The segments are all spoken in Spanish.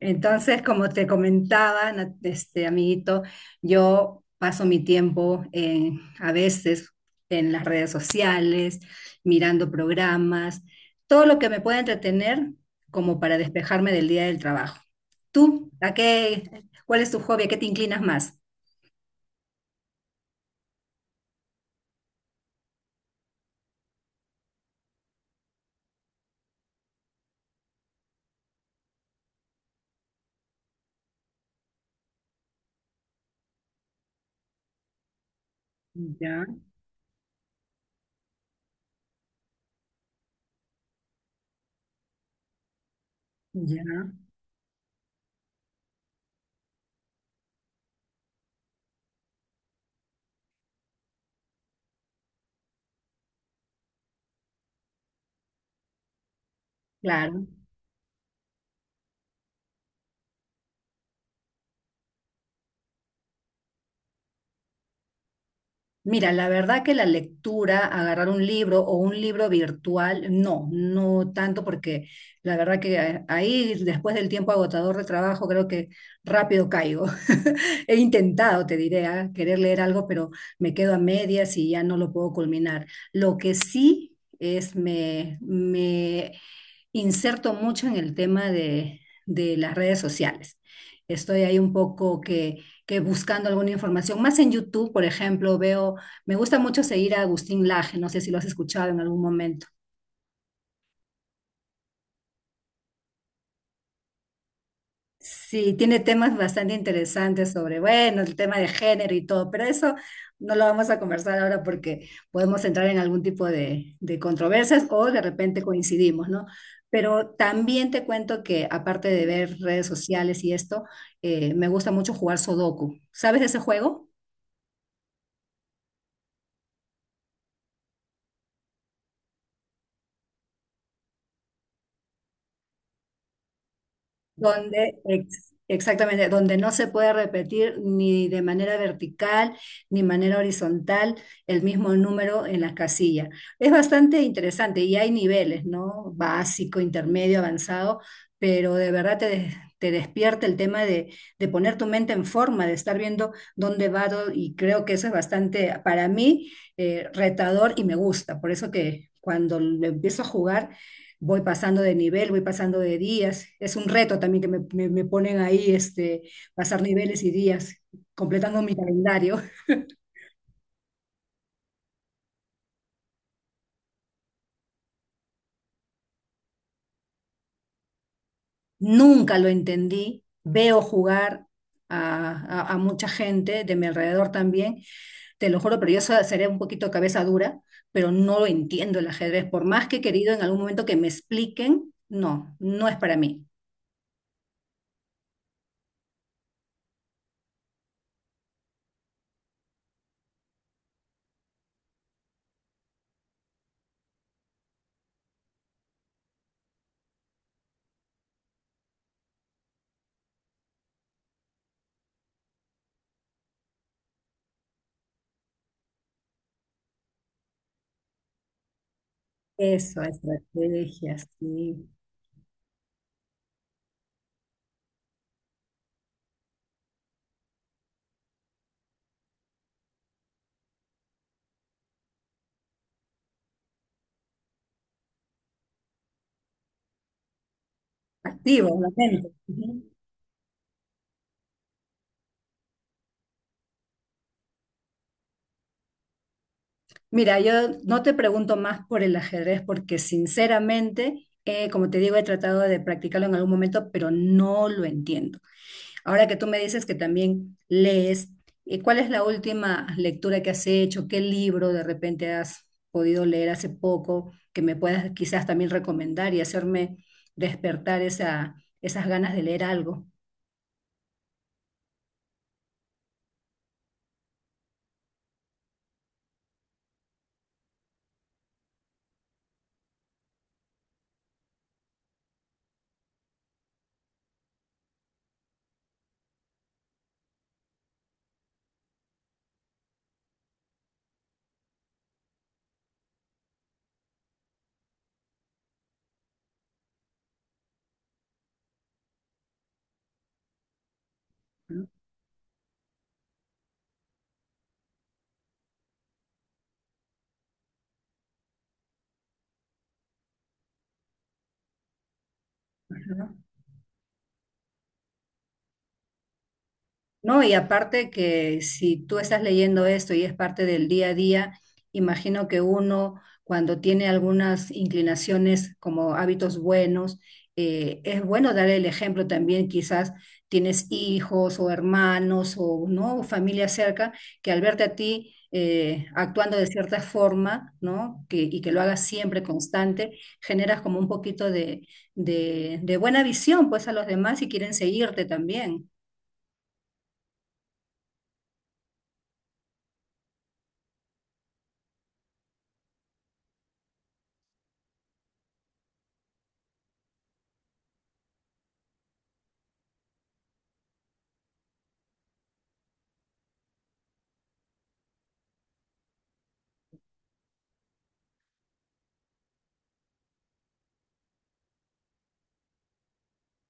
Entonces, como te comentaba, este amiguito, yo paso mi tiempo a veces en las redes sociales, mirando programas, todo lo que me pueda entretener como para despejarme del día del trabajo. ¿Tú, a qué, cuál es tu hobby? ¿A qué te inclinas más? Ya, ya, claro. Mira, la verdad que la lectura, agarrar un libro o un libro virtual, no, no tanto porque la verdad que ahí después del tiempo agotador de trabajo creo que rápido caigo. He intentado, te diré, querer leer algo, pero me quedo a medias y ya no lo puedo culminar. Lo que sí es me inserto mucho en el tema de las redes sociales. Estoy ahí un poco que buscando alguna información, más en YouTube, por ejemplo, veo me gusta mucho seguir a Agustín Laje, no sé si lo has escuchado en algún momento. Sí, tiene temas bastante interesantes sobre, bueno, el tema de género y todo, pero eso no lo vamos a conversar ahora porque podemos entrar en algún tipo de controversias o de repente coincidimos, ¿no? Pero también te cuento que aparte de ver redes sociales y esto, me gusta mucho jugar Sudoku. ¿Sabes de ese juego? Donde, exactamente, donde no se puede repetir ni de manera vertical ni manera horizontal el mismo número en las casillas. Es bastante interesante y hay niveles, ¿no? Básico, intermedio, avanzado, pero de verdad te despierta el tema de poner tu mente en forma, de estar viendo dónde va, y creo que eso es bastante, para mí, retador y me gusta. Por eso que cuando lo empiezo a jugar voy pasando de nivel, voy pasando de días. Es un reto también que me ponen ahí, este, pasar niveles y días, completando mi calendario. Nunca lo entendí. Veo jugar a mucha gente de mi alrededor también. Te lo juro, pero yo seré un poquito cabeza dura, pero no lo entiendo el ajedrez. Por más que he querido en algún momento que me expliquen, no, no es para mí. Eso, estrategias, sí. Activo, la mente. Ujú. Mira, yo no te pregunto más por el ajedrez porque sinceramente, como te digo, he tratado de practicarlo en algún momento, pero no lo entiendo. Ahora que tú me dices que también lees, ¿cuál es la última lectura que has hecho? ¿Qué libro de repente has podido leer hace poco que me puedas quizás también recomendar y hacerme despertar esa, esas ganas de leer algo? No, y aparte que si tú estás leyendo esto y es parte del día a día, imagino que uno cuando tiene algunas inclinaciones como hábitos buenos, es bueno dar el ejemplo también, quizás tienes hijos o hermanos o no familia cerca que al verte a ti actuando de cierta forma, ¿no? Que, y que lo hagas siempre constante, generas como un poquito de, de buena visión pues a los demás y quieren seguirte también.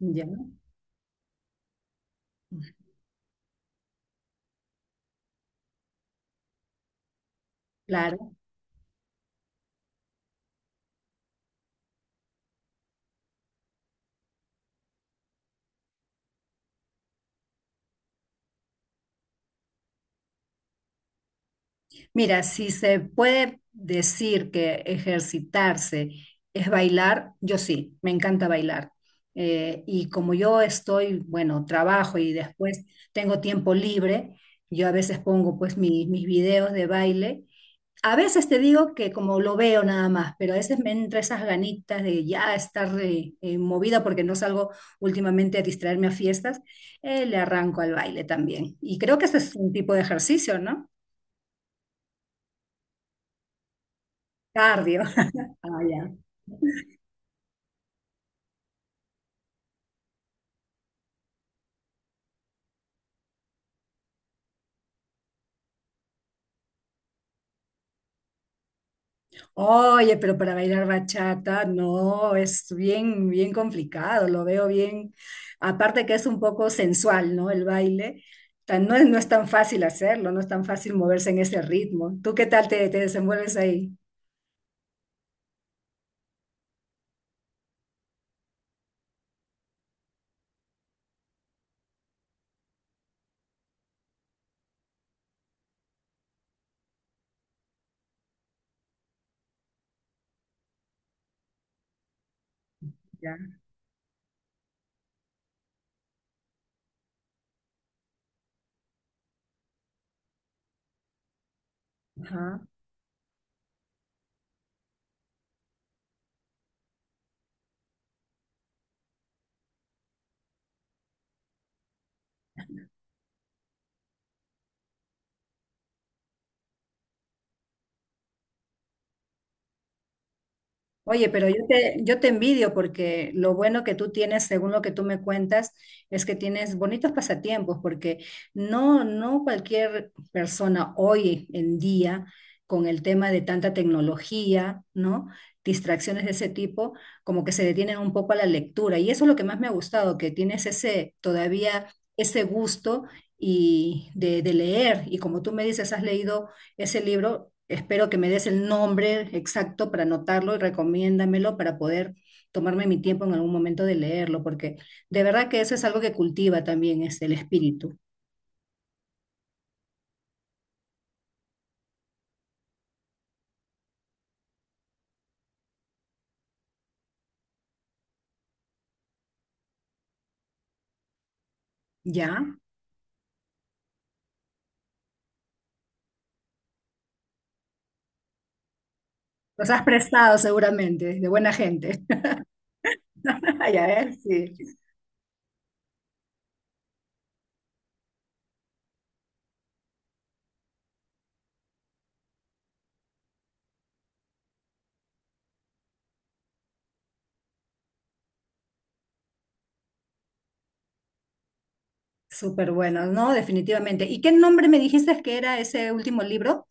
Ya, claro. Mira, si se puede decir que ejercitarse es bailar, yo sí, me encanta bailar. Y como yo estoy, bueno, trabajo y después tengo tiempo libre, yo a veces pongo pues mis videos de baile. A veces te digo que como lo veo nada más, pero a veces me entra esas ganitas de ya estar movida porque no salgo últimamente a distraerme a fiestas, le arranco al baile también. Y creo que ese es un tipo de ejercicio, ¿no? Cardio. Ah, ya. Oye, pero para bailar bachata, no, es bien, bien complicado, lo veo bien. Aparte que es un poco sensual, ¿no? El baile. No es, no es tan fácil hacerlo, no es tan fácil moverse en ese ritmo. ¿Tú qué tal te desenvuelves ahí? Ya. Oye, pero yo te envidio porque lo bueno que tú tienes, según lo que tú me cuentas, es que tienes bonitos pasatiempos, porque no, no cualquier persona hoy en día, con el tema de tanta tecnología, ¿no? Distracciones de ese tipo, como que se detienen un poco a la lectura. Y eso es lo que más me ha gustado, que tienes ese, todavía ese gusto y de leer. Y como tú me dices, has leído ese libro, espero que me des el nombre exacto para anotarlo y recomiéndamelo para poder tomarme mi tiempo en algún momento de leerlo, porque de verdad que eso es algo que cultiva también es el espíritu, ¿ya? Los has prestado seguramente, de buena gente. Ya ves, sí. Súper bueno, ¿no? Definitivamente. ¿Y qué nombre me dijiste que era ese último libro?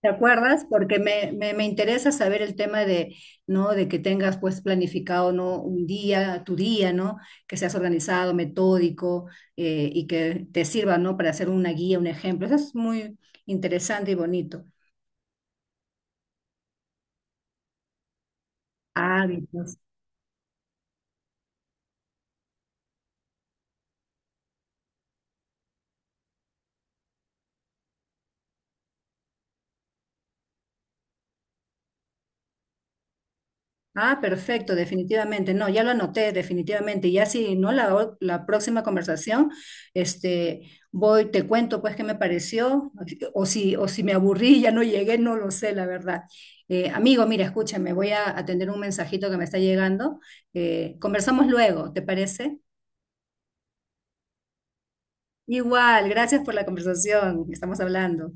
¿Te acuerdas? Porque me interesa saber el tema de, ¿no? De que tengas pues planificado, ¿no? Un día, tu día, ¿no? Que seas organizado, metódico y que te sirva, ¿no? Para hacer una guía, un ejemplo. Eso es muy interesante y bonito. Hábitos. Ah, perfecto, definitivamente. No, ya lo anoté, definitivamente. Y ya si no, la próxima conversación, este, voy, te cuento pues qué me pareció, o si me aburrí, y ya no llegué, no lo sé, la verdad. Amigo, mira, escúchame, voy a atender un mensajito que me está llegando. Conversamos luego, ¿te parece? Igual, gracias por la conversación, estamos hablando.